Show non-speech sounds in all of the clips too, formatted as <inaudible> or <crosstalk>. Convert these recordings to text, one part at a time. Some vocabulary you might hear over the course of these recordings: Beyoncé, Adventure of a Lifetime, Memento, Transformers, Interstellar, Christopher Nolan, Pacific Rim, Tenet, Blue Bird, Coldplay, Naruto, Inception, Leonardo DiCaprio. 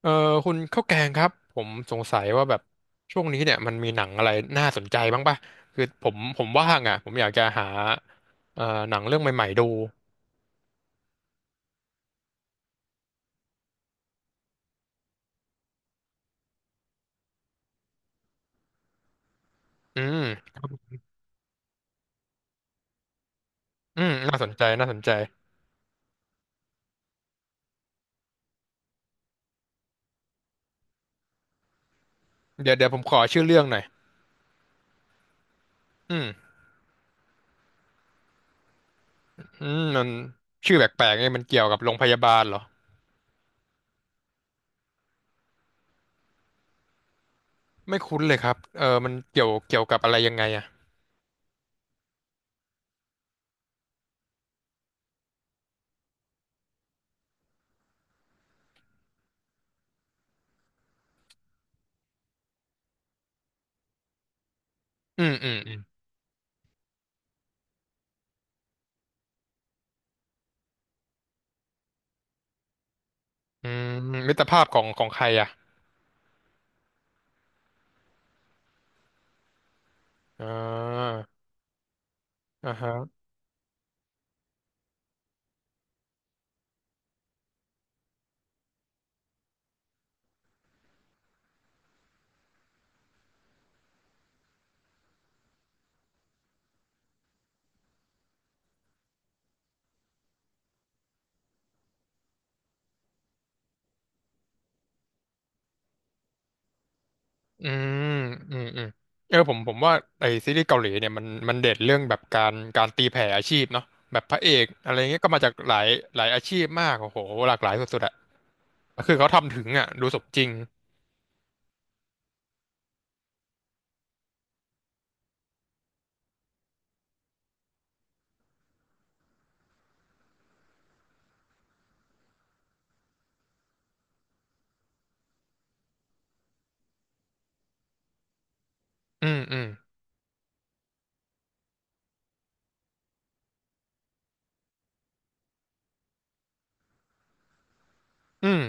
เออคุณข้าวแกงครับผมสงสัยว่าแบบช่วงนี้เนี่ยมันมีหนังอะไรน่าสนใจบ้างป่ะคือผมว่างอ่ะผมอยากจะหาเอ่อหนังเรื่องใหม่ๆดูอืมอืมน่าสนใจน่าสนใจเดี๋ยวผมขอชื่อเรื่องหน่อยอืมมันชื่อแปลกๆเนี่ยมันเกี่ยวกับโรงพยาบาลเหรอไม่คุ้นเลยครับเออมันเกี่ยวกับอะไรยังไงอ่ะอืมอืมอืมอืมมิตรภาพของใครอ่ะอ่าอ่าฮะ อืมอืมอืมเออผมว่าไอซีรีส์เกาหลีเนี่ยมันเด่นเรื่องแบบการตีแผ่อาชีพเนาะแบบพระเอกอะไรเงี้ยก็มาจากหลายอาชีพมากโอ้โหหลากหลายสุดๆอะคือเขาทำถึงอะดูสมจริงอืมอืมอืม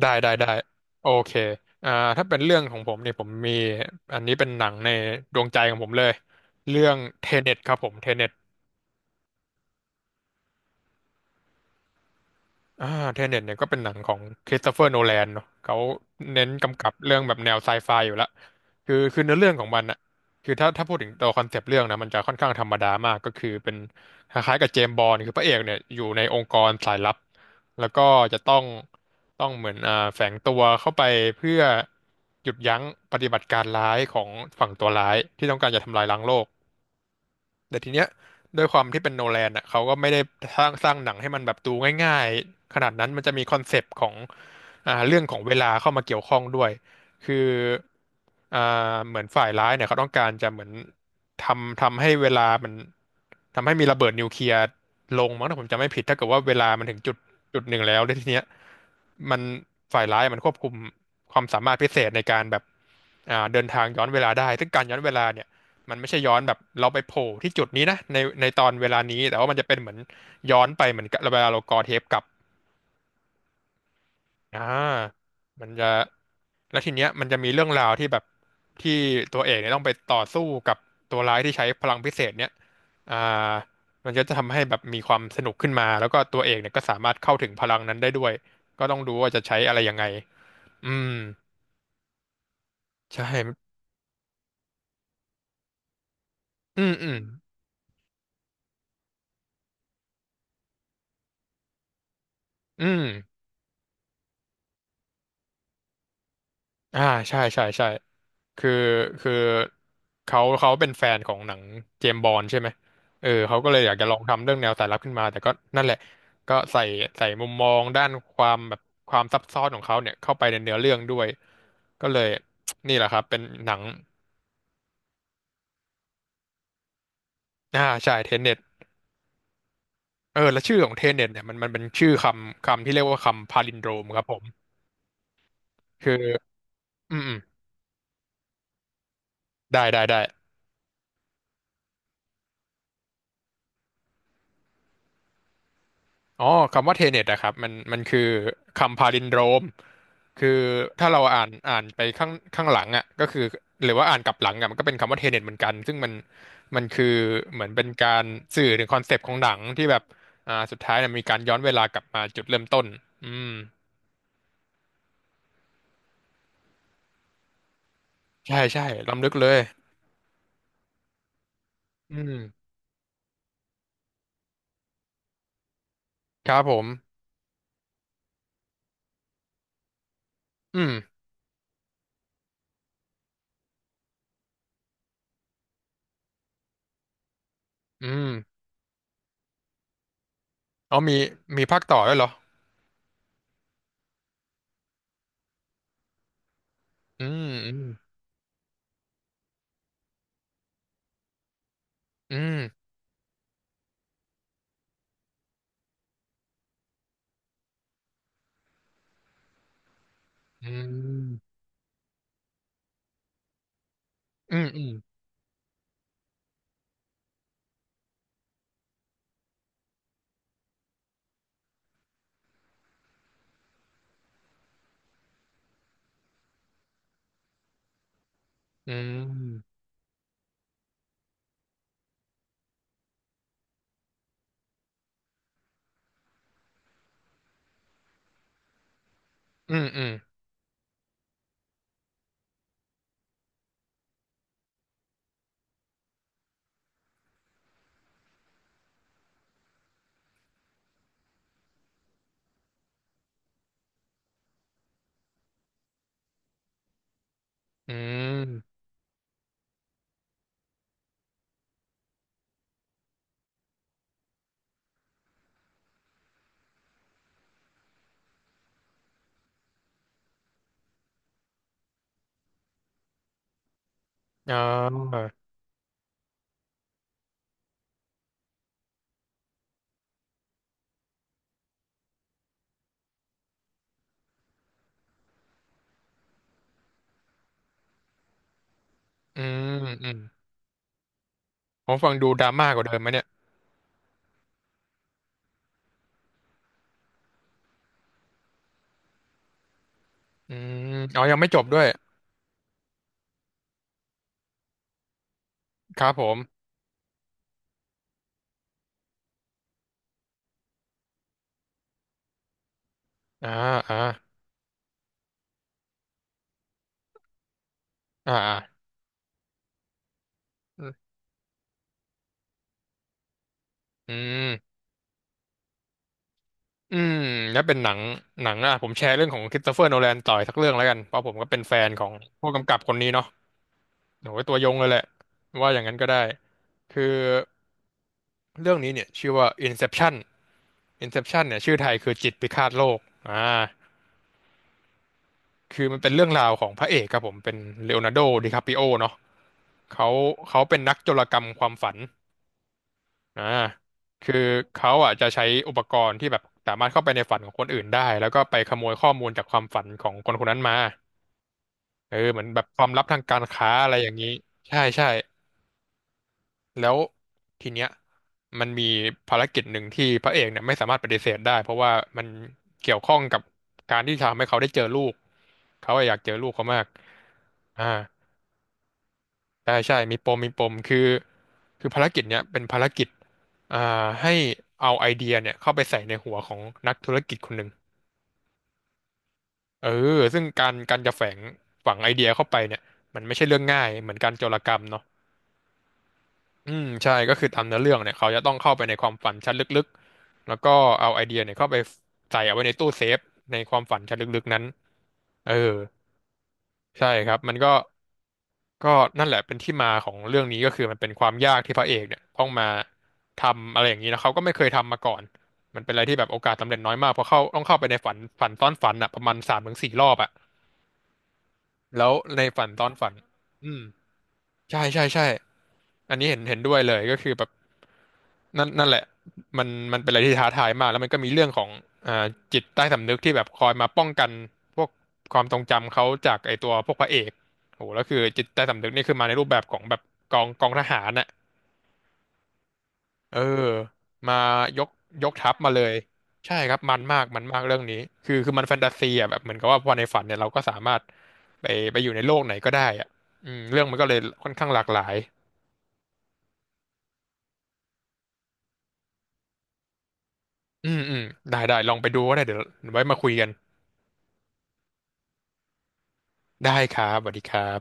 ได้ได้ได้โอเคอ่าถ้าเป็นเรื่องของผมเนี่ยผมมีอันนี้เป็นหนังในดวงใจของผมเลยเรื่องเทเน็ตครับผมเทเน็ต อ่าเทเน็ตเนี่ยก็เป็นหนังของคริสโตเฟอร์โนแลนเนาะเขาเน้นกำกับเรื่องแบบแนวไซไฟอยู่ละคือเนื้อเรื่องของมันอะคือถ้าพูดถึงตัวคอนเซปต์เรื่องนะมันจะค่อนข้างธรรมดามากก็คือเป็นคล้ายๆกับเจมส์บอนด์คือพระเอกเนี่ยอยู่ในองค์กรสายลับแล้วก็จะต้องเหมือนแฝงตัวเข้าไปเพื่อหยุดยั้งปฏิบัติการร้ายของฝั่งตัวร้ายที่ต้องการจะทำลายล้างโลก แต่ทีเนี้ยด้วยความที่เป็นโนแลนอ่ะเขาก็ไม่ได้สร้างหนังให้มันแบบดูง่ายๆขนาดนั้นมันจะมีคอนเซปต์ของเรื่องของเวลาเข้ามาเกี่ยวข้องด้วยคืออ่าเหมือนฝ่ายร้ายเนี่ยเขาต้องการจะเหมือนทำให้เวลามันทำให้มีระเบิดนิวเคลียร์ลงมั้งถ้าผมจำไม่ผิดถ้าเกิดว่าเวลามันถึงจุดหนึ่งแล้วแล้วทีเนี้ย มันฝ่ายร้ายมันควบคุมความสามารถพิเศษในการแบบเดินทางย้อนเวลาได้ซึ่งการย้อนเวลาเนี่ยมันไม่ใช่ย้อนแบบเราไปโผล่ที่จุดนี้นะในตอนเวลานี้แต่ว่ามันจะเป็นเหมือนย้อนไปเหมือนกับเวลาเรากอเทปกลับอ่ามันจะแล้วทีเนี้ยมันจะมีเรื่องราวที่แบบที่ตัวเอกเนี่ยต้องไปต่อสู้กับตัวร้ายที่ใช้พลังพิเศษเนี่ยอ่ามันก็จะทำให้แบบมีความสนุกขึ้นมาแล้วก็ตัวเอกเนี่ยก็สามารถเข้าถึงพลังนั้นได้ด้วยก็ต้องดูว่าจะใช้อะไรยังไงอืม ใช่อืม อืมอืมอ่าใช่ใช่ใช่คือคือ เขาเป็นแฟนของหนังเจมส์บอนด์ใช่ไหมเออเขาก็เลยอยากจะลองทำเรื่องแนวสายลับขึ้นมา แต่ก็นั่นแหละ ก็ใส่มุมมองด้านความแบบความซับซ้อนของเขาเนี่ยเข้าไปในเนื้อเรื่องด้วยก็เลย <tsk> นี่แหละครับเป็นหนังอ่าใช่เทนเน็ตเออแล้วชื่อของเทนเน็ตเนี่ยมันเป็นชื่อคำที่เรียกว่าคำพาลินโดรมครับผม คืออืมอืมได้ได้ได้ อ๋อคำว่าเทเน็ตอะครับมันคือคำพาลินโดรมคือถ้าเราอ่านไปข้างหลังอะก็คือหรือว่าอ่านกลับหลังอะมันก็เป็นคำว่าเทเน็ตเหมือนกันซึ่งมันคือเหมือนเป็นการสื่อถึงคอนเซปต์ของหนังที่แบบสุดท้ายเนี่ยมีการย้อนเวลากลับมาจุดเริ่มต้นอืมใช่ใช่ล้ำลึกเลยอืมครับผมอืมอืมอ๋อมีมีภาคต่อด้วยเหรออืมอืมอืมอืมอืมอืมอืมอืมอืมอืม อ่าอืมอืมผมฟังดูดราม่ากว่าเดิมไหมเนี่ยอืมอ๋อยังไม่จบด้วยครับผมอ่าอ่าอ่าอ่าอืมอืมแล้วเป็นหนัง หนังอ่ะผมแชร์เรื่องของคริสโตเฟอร์โนแลนต่ออีกสักเรื่องแล้วกัน เพราะผมก็เป็นแฟนของผู้กำกับคนนี้เนาะโอ้ยตัวยงเลยแหละ ว่าอย่างนั้นก็ได้ คือเรื่องนี้เนี่ยชื่อว่า Inception Inception เนี่ยชื่อไทยคือจิตพิฆาตโลกอ่าคือมันเป็นเรื่องราวของพระเอกครับผมเป็นเลโอนาร์โดดิคาปิโอเนาะ เขาเขาเป็นนักโจรกรรมความฝันอ่าคือเขาอ่ะจะใช้อุปกรณ์ที่แบบสามารถเข้าไปในฝันของคนอื่นได้แล้วก็ไปขโมยข้อมูลจากความฝันของคนคนนั้นมาเออเหมือนแบบความลับทางการค้าอะไรอย่างนี้ใช่ใช่แล้วทีเนี้ยมันมีภารกิจหนึ่งที่พระเอกเนี่ยไม่สามารถปฏิเสธได้เพราะว่ามันเกี่ยวข้องกับการที่ทำให้เขาได้เจอลูกเขาอะอยากเจอลูกเขามากอ่า ใช่ใช่มีปมมีปมคือภารกิจเนี้ยเป็นภารกิจอ่าให้เอาไอเดียเนี่ยเข้าไปใส่ในหัวของนักธุรกิจคนหนึ่งเออซึ่งการจะแฝงฝังไอเดียเข้าไปเนี่ยมันไม่ใช่เรื่องง่ายเหมือนการโจรกรรมเนาะอืมใช่ก็คือตามเนื้อเรื่องเนี่ยเขาจะต้องเข้าไปในความฝันชั้นลึกๆแล้วก็เอาไอเดียเนี่ยเข้าไปใส่เอาไว้ในตู้เซฟในความฝันชั้นลึกๆนั้นเออใช่ครับมันก็ ก็นั่นแหละเป็นที่มาของเรื่องนี้ก็คือมันเป็นความยากที่พระเอกเนี่ยต้องมาทำอะไรอย่างนี้นะเขาก็ไม่เคยทำมาก่อนมันเป็นอะไรที่แบบโอกาสสำเร็จน้อยมากเพราะเข้าต้องเข้าไปในฝันซ้อนฝันอ่ะประมาณสามถึงสี่รอบอ่ะแล้วในฝันซ้อนฝันอืม ใช่ใช่ใช่ อันนี้เห็นด้วยเลยก็คือแบบนั่นแหละมันมันเป็นอะไรที่ท้าทายมากแล้วมันก็มีเรื่องของอ่าจิตใต้สำนึกที่แบบคอยมาป้องกันพวกความทรงจำเขาจากไอตัวพวกพระเอกโหแล้วคือจิตใต้สำนึกนี่คือมาในรูปแบบของแบบกองทหารน่ะเออมายกทัพมาเลยใช่ครับมันมากเรื่องนี้คือมันแฟนตาซีอ่ะแบบเหมือนกับว่าพอในฝันเนี่ยเราก็สามารถไปไปอยู่ในโลกไหนก็ได้อ่ะอืมเรื่องมันก็เลยค่อนข้างหลากหลาย อืมอืมได้ลองไปดูก็ได้เดี๋ยวไว้มาคุยกันได้ครับสวัสดีครับ